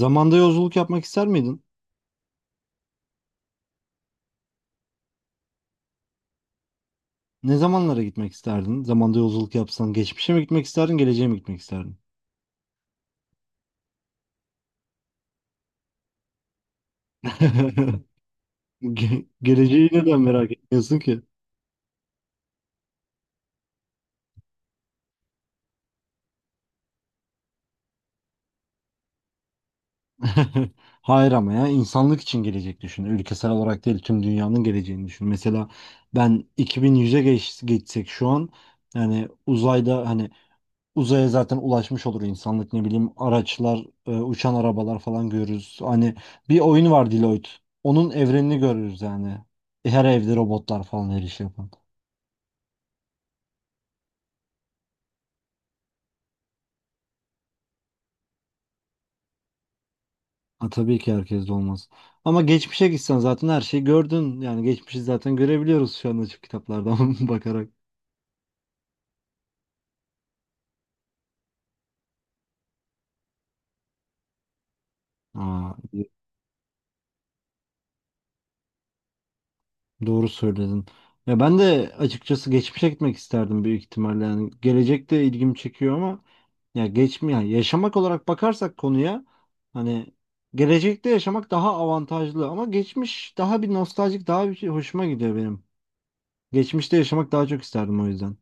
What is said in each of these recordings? Zamanda yolculuk yapmak ister miydin? Ne zamanlara gitmek isterdin? Zamanda yolculuk yapsan geçmişe mi gitmek isterdin, geleceğe mi gitmek isterdin? Geleceği neden merak etmiyorsun ki? Hayır ama ya insanlık için gelecek düşün. Ülkesel olarak değil tüm dünyanın geleceğini düşün. Mesela ben 2100'e geçsek şu an, yani uzayda hani uzaya zaten ulaşmış olur insanlık, ne bileyim araçlar, uçan arabalar falan görürüz. Hani bir oyun var, Deloitte. Onun evrenini görürüz yani. Her evde robotlar falan, her işi yapan. Ha, tabii ki herkes de olmaz. Ama geçmişe gitsen zaten her şeyi gördün. Yani geçmişi zaten görebiliyoruz şu an, açık kitaplardan bakarak. Aa, doğru söyledin. Ya ben de açıkçası geçmişe gitmek isterdim büyük ihtimalle. Yani gelecek de ilgimi çekiyor ama ya geçmiyor. Yani yaşamak olarak bakarsak konuya, hani gelecekte yaşamak daha avantajlı ama geçmiş daha bir nostaljik, daha bir şey hoşuma gidiyor benim. Geçmişte yaşamak daha çok isterdim o yüzden.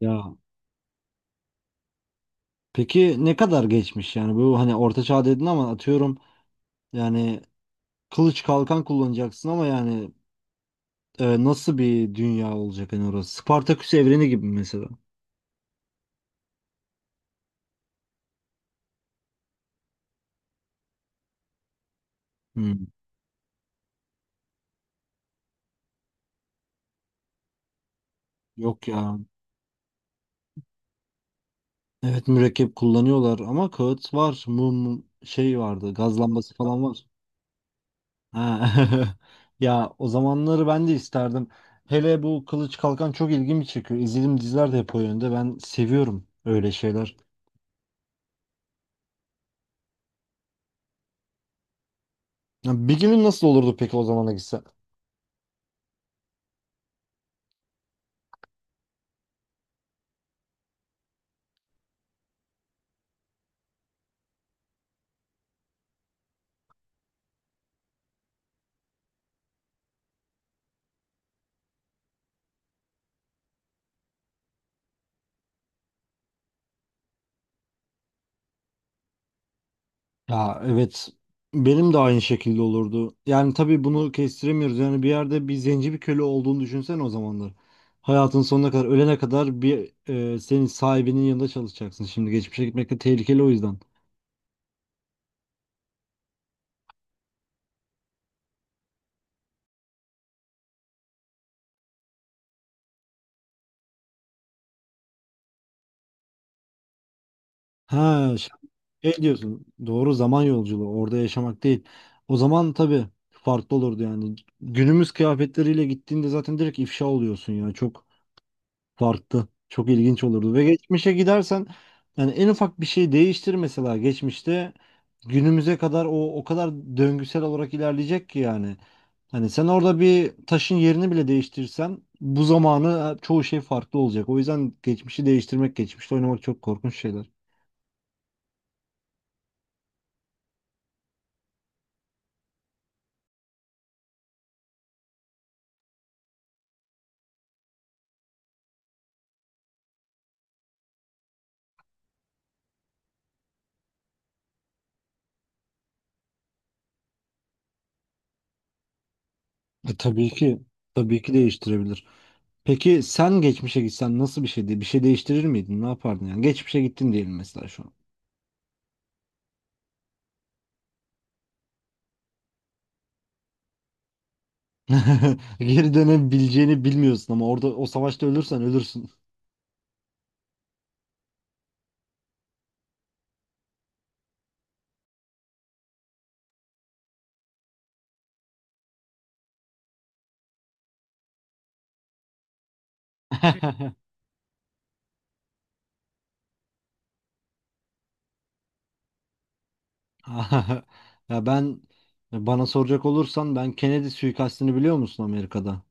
Ya peki ne kadar geçmiş yani bu, hani orta çağ dedin ama atıyorum yani kılıç kalkan kullanacaksın ama yani nasıl bir dünya olacak hani orası? Spartaküs evreni gibi mi mesela. Hmm, yok ya. Evet, mürekkep kullanıyorlar ama kağıt var, mum şey vardı, gaz lambası falan var. Ha. Ya o zamanları ben de isterdim. Hele bu kılıç kalkan çok ilgimi çekiyor. İzlediğim diziler de hep o yönde. Ben seviyorum öyle şeyler. Ya bir günün nasıl olurdu peki o zamana gitsen? Ya, evet. Benim de aynı şekilde olurdu. Yani tabii bunu kestiremiyoruz. Yani bir yerde bir zenci, bir köle olduğunu düşünsene o zamanlar. Hayatın sonuna kadar, ölene kadar bir senin sahibinin yanında çalışacaksın. Şimdi geçmişe gitmek de tehlikeli o yüzden. Ha, şey diyorsun. Doğru, zaman yolculuğu. Orada yaşamak değil. O zaman tabii farklı olurdu yani. Günümüz kıyafetleriyle gittiğinde zaten direkt ifşa oluyorsun ya. Çok farklı. Çok ilginç olurdu. Ve geçmişe gidersen, yani en ufak bir şey değiştir mesela geçmişte, günümüze kadar o kadar döngüsel olarak ilerleyecek ki yani. Hani sen orada bir taşın yerini bile değiştirsen bu zamanı çoğu şey farklı olacak. O yüzden geçmişi değiştirmek, geçmişte oynamak çok korkunç şeyler. Tabii ki, tabii ki değiştirebilir. Peki sen geçmişe gitsen nasıl bir şeydi? Bir şey değiştirir miydin? Ne yapardın yani? Geçmişe gittin diyelim mesela şu an. Geri dönebileceğini bilmiyorsun ama orada o savaşta ölürsen ölürsün. Ya ben, bana soracak olursan, ben Kennedy suikastini biliyor musun, Amerika'da?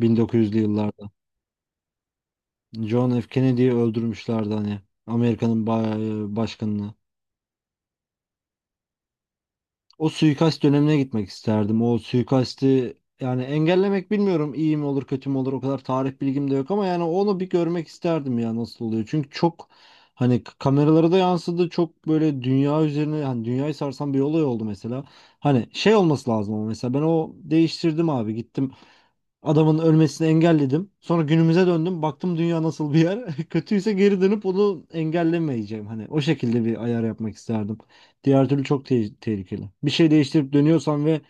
1900'lü yıllarda. John F. Kennedy'yi öldürmüşlerdi hani. Amerika'nın başkanını. O suikast dönemine gitmek isterdim. O suikasti yani engellemek bilmiyorum iyi mi olur kötü mü olur, o kadar tarih bilgim de yok ama yani onu bir görmek isterdim ya nasıl oluyor. Çünkü çok hani kameralara da yansıdı, çok böyle dünya üzerine, hani dünyayı sarsan bir olay oldu mesela. Hani şey olması lazım ama mesela ben o değiştirdim abi, gittim adamın ölmesini engelledim. Sonra günümüze döndüm, baktım dünya nasıl bir yer, kötüyse geri dönüp onu engellemeyeceğim, hani o şekilde bir ayar yapmak isterdim. Diğer türlü çok tehlikeli. Bir şey değiştirip dönüyorsan ve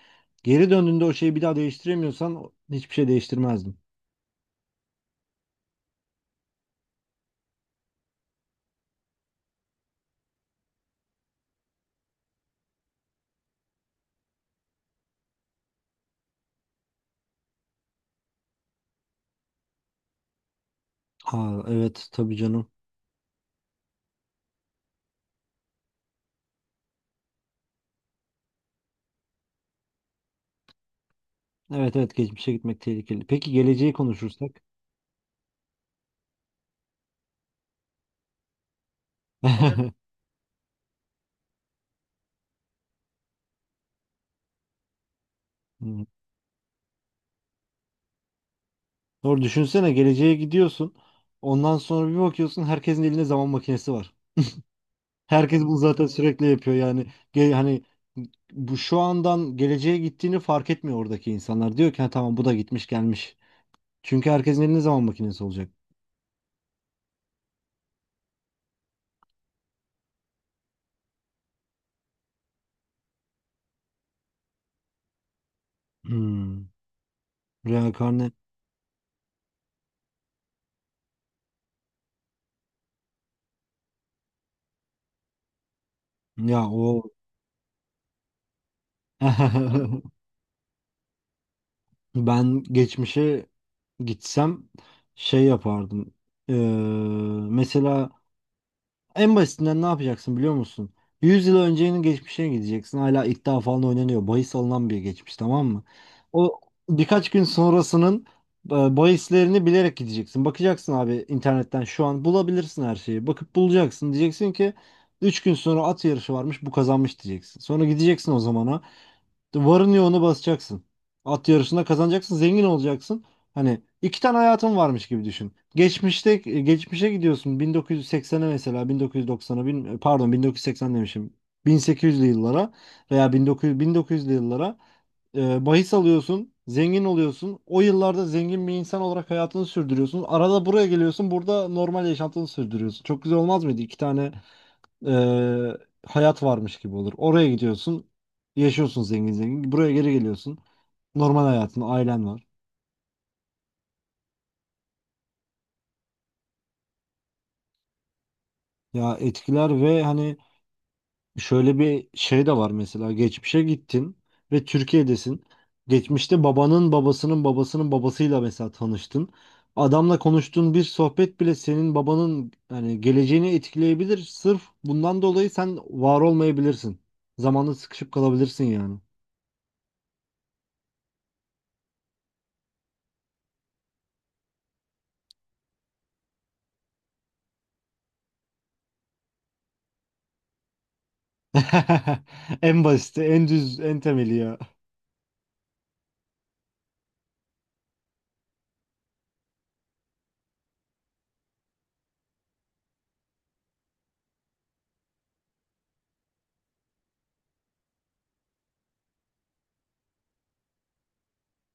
geri döndüğünde o şeyi bir daha değiştiremiyorsan, hiçbir şey değiştirmezdim. Aa, evet tabii canım. Evet, evet, geçmişe gitmek tehlikeli. Peki geleceği konuşursak. Hmm. Doğru, düşünsene geleceğe gidiyorsun. Ondan sonra bir bakıyorsun herkesin elinde zaman makinesi var. Herkes bunu zaten sürekli yapıyor yani. Hani bu şu andan geleceğe gittiğini fark etmiyor oradaki insanlar. Diyor ki, "Ha, tamam, bu da gitmiş gelmiş." Çünkü herkesin elinde zaman makinesi olacak. Hmm. Reenkarne ya o. Ben geçmişe gitsem şey yapardım. Ee, mesela en basitinden ne yapacaksın biliyor musun? 100 yıl öncenin geçmişine gideceksin. Hala iddia falan oynanıyor. Bahis alınan bir geçmiş, tamam mı? O birkaç gün sonrasının e, bahislerini bilerek gideceksin. Bakacaksın, abi internetten şu an bulabilirsin her şeyi. Bakıp bulacaksın. Diyeceksin ki 3 gün sonra at yarışı varmış, bu kazanmış diyeceksin. Sonra gideceksin o zamana. Varın yoğunu basacaksın. At yarışında kazanacaksın, zengin olacaksın. Hani iki tane hayatın varmış gibi düşün. Geçmişte, geçmişe gidiyorsun 1980'e mesela, 1990'a, pardon 1980 demişim. 1800'lü yıllara veya 1900'lü yıllara bahis alıyorsun, zengin oluyorsun. O yıllarda zengin bir insan olarak hayatını sürdürüyorsun. Arada buraya geliyorsun, burada normal yaşantını sürdürüyorsun. Çok güzel olmaz mıydı? İki tane eee, hayat varmış gibi olur. Oraya gidiyorsun, yaşıyorsun zengin zengin. Buraya geri geliyorsun. Normal hayatın, ailen var. Ya etkiler ve hani, şöyle bir şey de var mesela. Geçmişe gittin ve Türkiye'desin. Geçmişte babanın babasının babasının babasıyla mesela tanıştın. Adamla konuştuğun bir sohbet bile senin babanın hani geleceğini etkileyebilir. Sırf bundan dolayı sen var olmayabilirsin. Zamanla sıkışıp kalabilirsin yani. En basiti, en düz, en temeli ya.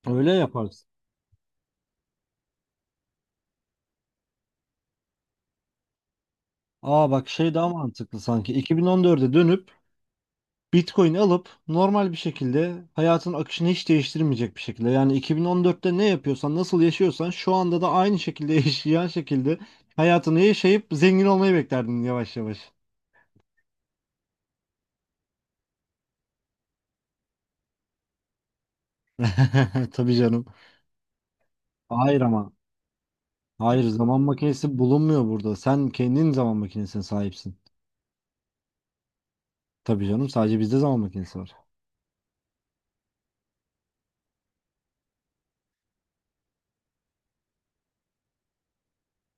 Öyle yaparız. Aa bak şey daha mantıklı sanki. 2014'e dönüp Bitcoin alıp, normal bir şekilde hayatın akışını hiç değiştirmeyecek bir şekilde. Yani 2014'te ne yapıyorsan, nasıl yaşıyorsan şu anda da aynı şekilde yaşayan şekilde hayatını yaşayıp zengin olmayı beklerdin, yavaş yavaş. Tabii canım. Hayır ama. Hayır, zaman makinesi bulunmuyor burada. Sen kendin zaman makinesine sahipsin. Tabii canım, sadece bizde zaman makinesi var.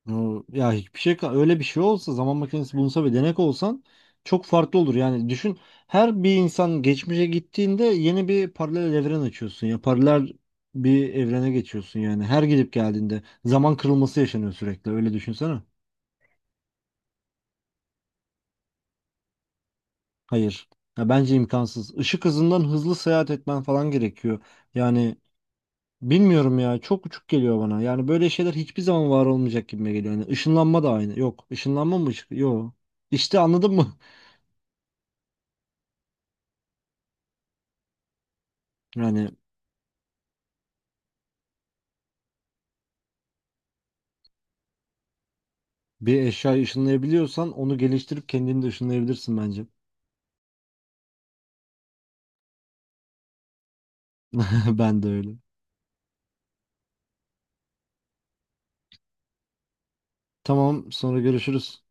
Ya hiçbir şey, öyle bir şey olsa, zaman makinesi bulunsa ve denek olsan çok farklı olur. Yani düşün, her bir insan geçmişe gittiğinde yeni bir paralel evren açıyorsun ya, paralel bir evrene geçiyorsun yani. Her gidip geldiğinde zaman kırılması yaşanıyor sürekli, öyle düşünsene. Hayır. Ya bence imkansız. Işık hızından hızlı seyahat etmen falan gerekiyor. Yani bilmiyorum ya, çok uçuk geliyor bana. Yani böyle şeyler hiçbir zaman var olmayacak gibi geliyor. Yani ışınlanma da aynı. Yok. Işınlanma mı ışık? Yok. İşte anladın mı? Yani bir eşyayı ışınlayabiliyorsan onu geliştirip kendini de ışınlayabilirsin bence. Ben de öyle. Tamam, sonra görüşürüz.